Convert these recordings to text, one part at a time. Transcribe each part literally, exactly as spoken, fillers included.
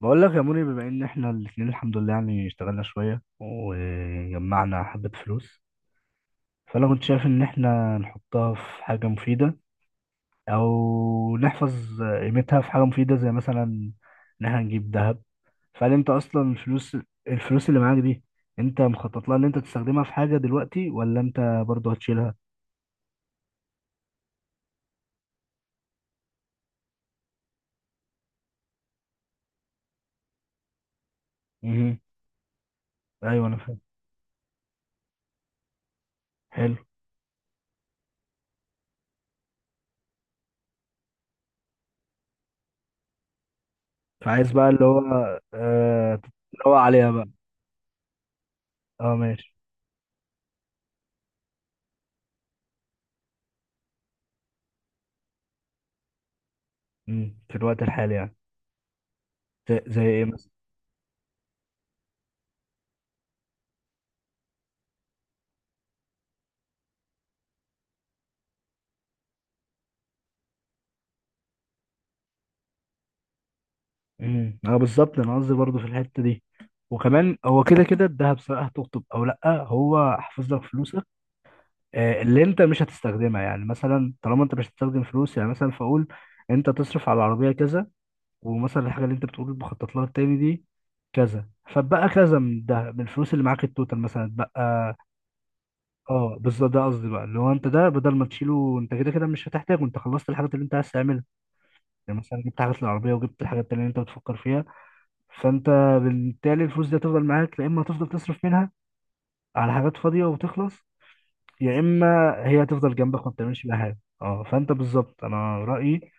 بقول لك يا موني، بما ان احنا الاثنين الحمد لله يعني اشتغلنا شوية وجمعنا حبة فلوس. فانا كنت شايف ان احنا نحطها في حاجة مفيدة، او نحفظ قيمتها في حاجة مفيدة، زي مثلا ان احنا نجيب ذهب. فهل انت اصلا الفلوس الفلوس اللي معاك دي، انت مخطط لها ان انت تستخدمها في حاجة دلوقتي، ولا انت برضه هتشيلها؟ امم، ايوه، انا فاهم. حلو. فعايز بقى اللي هو، آه تتنوع عليها بقى. اه، ماشي. مم. في الوقت الحالي يعني، زي زي ايه مثلا؟ امم، اه، بالظبط، انا قصدي برضه في الحته دي. وكمان هو كده كده الذهب، سواء هتخطب او لا، هو حافظ لك فلوسك. آه، اللي انت مش هتستخدمها، يعني مثلا طالما انت مش هتستخدم فلوس، يعني مثلا فاقول انت تصرف على العربيه كذا، ومثلا الحاجه اللي انت بتقول بخطط لها التاني دي كذا، فبقى كذا من الذهب، من الفلوس اللي معاك التوتال مثلا بقى. اه، بالظبط، ده قصدي بقى، اللي هو انت، ده بدل ما تشيله، انت كده كده مش هتحتاجه، انت خلصت الحاجات اللي انت عايز تعملها. يعني مثلا جبت حاجات للعربيه، وجبت الحاجات التانيه اللي انت بتفكر فيها. فانت بالتالي الفلوس دي هتفضل معاك، يا اما هتفضل تصرف منها على حاجات فاضيه وتخلص، يا اما هي هتفضل جنبك ما بتعملش بيها حاجه. اه، فانت بالظبط انا رايي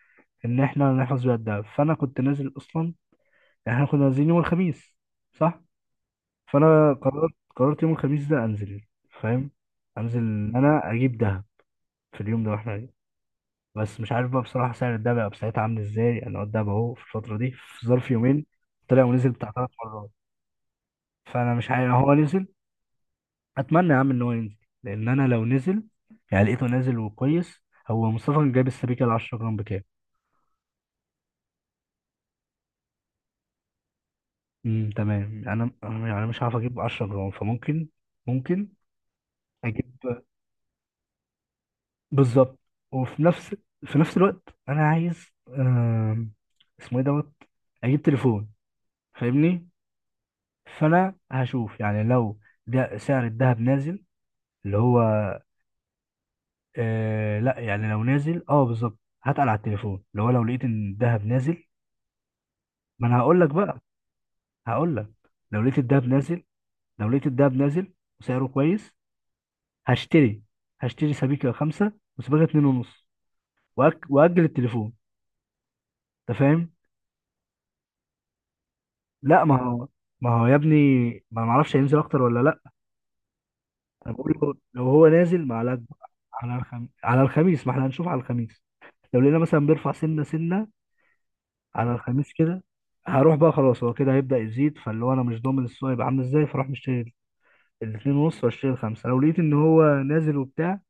ان احنا نحفظ بيها الدهب. فانا كنت نازل اصلا، يعني احنا كنا نازلين يوم الخميس، صح. فانا قررت قررت يوم الخميس ده انزل. فاهم، انزل ان انا اجيب دهب في اليوم ده واحنا قاعدين. بس مش عارف بقى بصراحه سعر الدهب هيبقى ساعتها عامل ازاي. انا الدهب اهو في الفتره دي، في ظرف يومين، طلع ونزل بتاع ثلاث مرات. فانا مش عارف هو نزل. اتمنى يا عم ان هو ينزل، لان انا لو نزل، يعني لقيته نازل وكويس. هو مصطفى كان جايب السبيكه ال عشر جرام بكام؟ امم، تمام. انا أنا يعني مش عارف اجيب عشرة جرام، فممكن ممكن اجيب بالظبط. وفي نفس في نفس الوقت انا عايز، آم، اسمه ايه، دوت، اجيب تليفون. فاهمني؟ فانا هشوف يعني لو ده سعر الذهب نازل، اللي هو آه لا، يعني لو نازل، اه بالظبط هتقل على التليفون، اللي هو لو لقيت ان الذهب نازل. ما انا هقول لك بقى هقول لك، لو لقيت الدهب نازل لو لقيت الدهب نازل وسعره كويس، هشتري هشتري سبيكة خمسة وسبيكة اتنين ونص. وأك... وأجل التليفون. أنت فاهم؟ لا، ما هو ما هو يا ابني، ما أنا معرفش هينزل أكتر ولا لأ. أنا بقول، لو لو هو نازل، ما على على الخم... على الخميس، ما احنا هنشوف على الخميس. لو لقينا مثلا بيرفع سنة سنة على الخميس كده، هروح بقى خلاص، هو كده هيبدأ يزيد، فاللي هو أنا مش ضامن السوق هيبقى عامل إزاي. فأروح مشتري الاتنين ونص، وأشتري الخمسة لو لقيت إن هو نازل وبتاع.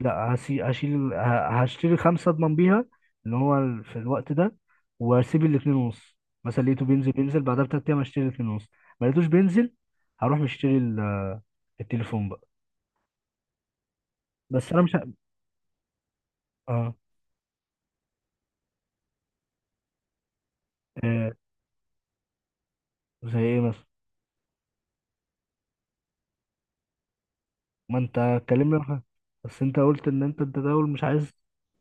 لا، هسي- هشيل ه- هشتري خمسة اضمن بيها ان هو، ال- في الوقت ده، واسيب الاتنين ونص. مثلا لقيته بينزل، بينزل بعدها بتلات ايام هشتري الاتنين ونص. ما لقيتوش بينزل، هروح مشتري ال- التليفون بقى. بس انا مش ه- اه. آه، زي ايه مثلا؟ ما انت اتكلمنا في- بس انت قلت ان انت التداول مش عايز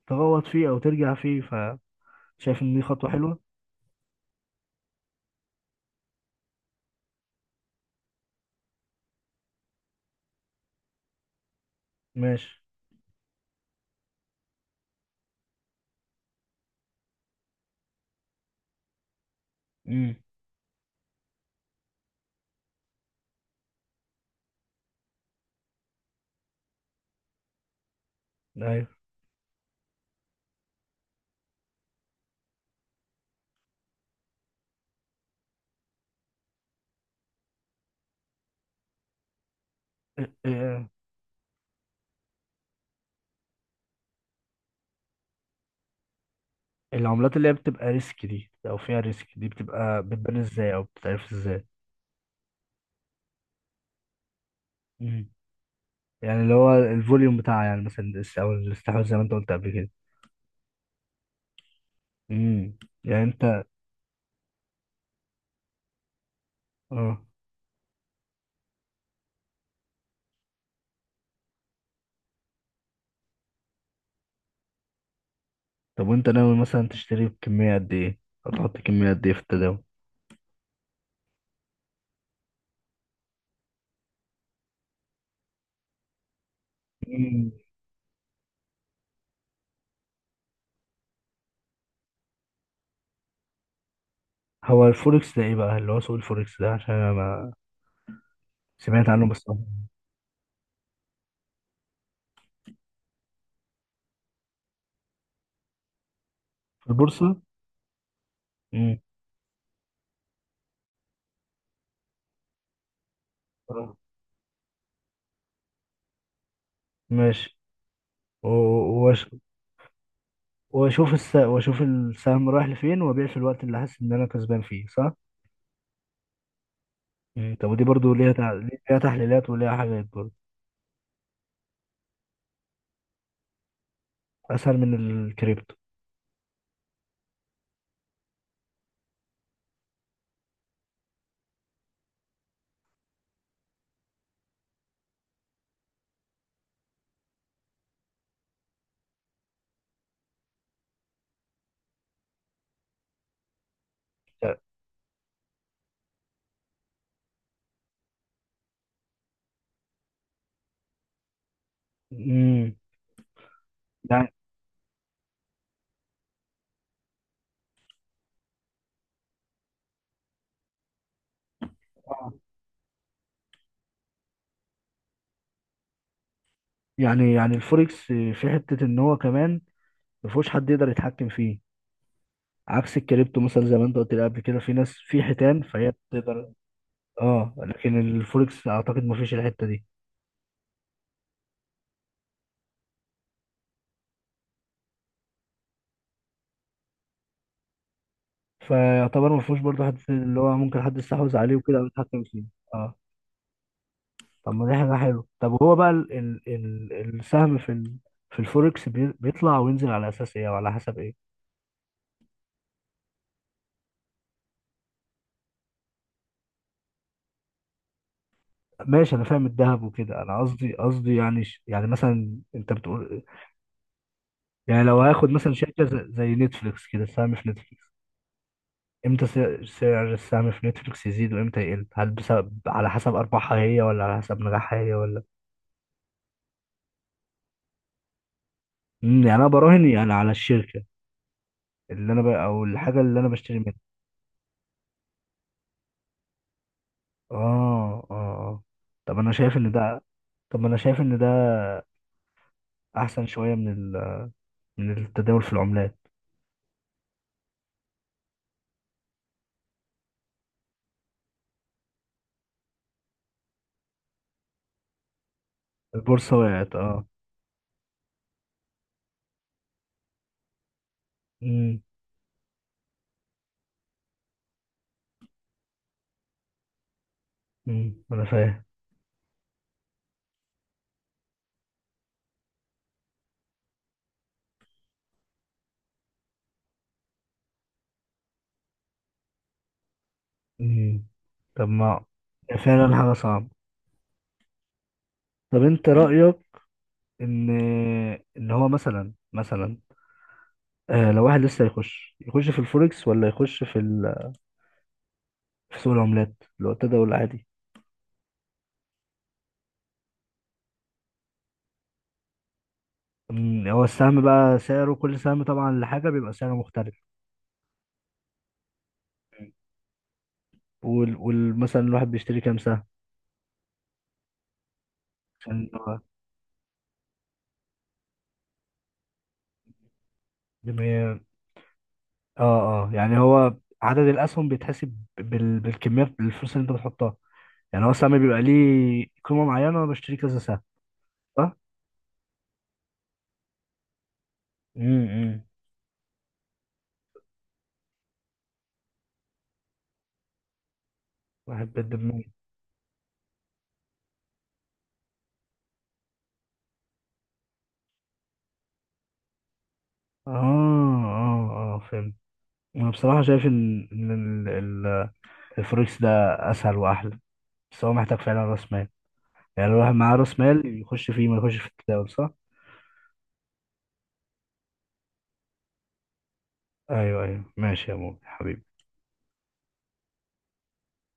تغوط فيه او ترجع فيه، فشايف ان دي خطوة حلوة. ماشي. امم. ايوه. إيه- إيه- العملات اللي هي بتبقى ريسك دي او فيها ريسك دي، بتبقى بتبان ازاي او بتتعرف ازاي؟ مم. يعني اللي هو الفوليوم بتاع، يعني مثلا الاس- او الاستحواذ زي ما انت قلت قبل كده. امم، يعني انت، اه. طب وانت ناوي مثلا تشتري بكمية قد ايه، او تحط كمية قد ايه في التداول؟ مم. هو الفوركس ده ايه بقى، اللي هو سوق الفوركس ده، عشان انا ما سمعت عنه بس. في البورصة. امم، اه، ماشي. و- وأش- واشوف الس... واشوف السهم رايح لفين، وابيع في الوقت اللي حاسس ان انا كسبان فيه، صح. مم. طب ودي برضو ليها تع... ليها تحليلات وليها حاجات برضو. اسهل من الكريبتو. امم، يعني آه. يعني يعني الفوركس في حته ان هو كمان ما فيهوش حد يقدر يتحكم فيه، عكس الكريبتو مثلا. زي ما انت قلت لي قبل كده، في ناس، في حيتان فهي بتقدر. اه، لكن الفوركس اعتقد ما فيش الحته دي. فيعتبر ما فيهوش برضه حد اللي هو ممكن حد يستحوذ عليه وكده او يتحكم فيه. اه، طب ما دي حاجه حلوه. طب هو بقى ال ال ال السهم في ال في الفوركس بي- بيطلع وينزل على اساس ايه وعلى حسب ايه؟ ماشي، انا فاهم الذهب وكده، انا قصدي قصدي يعني ش- يعني مثلا انت بتقول، يعني لو هاخد مثلا شركة ز- زي نتفليكس كده، سهم في نتفليكس، امتى سعر سعر السهم في نتفليكس يزيد، وامتى يقل؟ هل بسبب، على حسب ارباحها هي، ولا على حسب نجاحها هي، ولا؟ امم، يعني انا براهن يعني على الشركة اللي انا ب... او الحاجة اللي انا بشتري منها. اه، اه، آه. طب انا شايف ان ده طب ما انا شايف ان ده احسن شوية من ال... من التداول في العملات. البورصة وقعت، اه. امم، امم، انا فاهم. امم. طب ما فعلا حاجة صعبة. طب انت رأيك ان، ان هو مثلا، مثلا آه، لو واحد لسه يخش يخش في الفوركس، ولا يخش في ال- في سوق العملات اللي هو التداول العادي؟ أمم، هو السهم بقى سعره، كل سهم طبعا لحاجه بيبقى سعره مختلف. مم. وال- وال- مثلا الواحد بيشتري كام سهم، عشان هو جميع- اه، اه. يعني هو عدد الاسهم بيتحسب بال... بالكميه، بالفلوس اللي انت بتحطها. يعني هو السهم بيبقى ليه قيمه معينه وانا بشتري كذا سهم، صح؟ امم. واحد بالدمية. اه، اه، اه، فهمت. انا بصراحه شايف ان ان ال- ال- الفوركس ده اسهل واحلى، بس هو محتاج فعلا راس مال. يعني لو الواحد معاه راس مال، يخش فيه ما يخش في التداول، صح. ايوه، ايوه، ماشي يا مو حبيبي.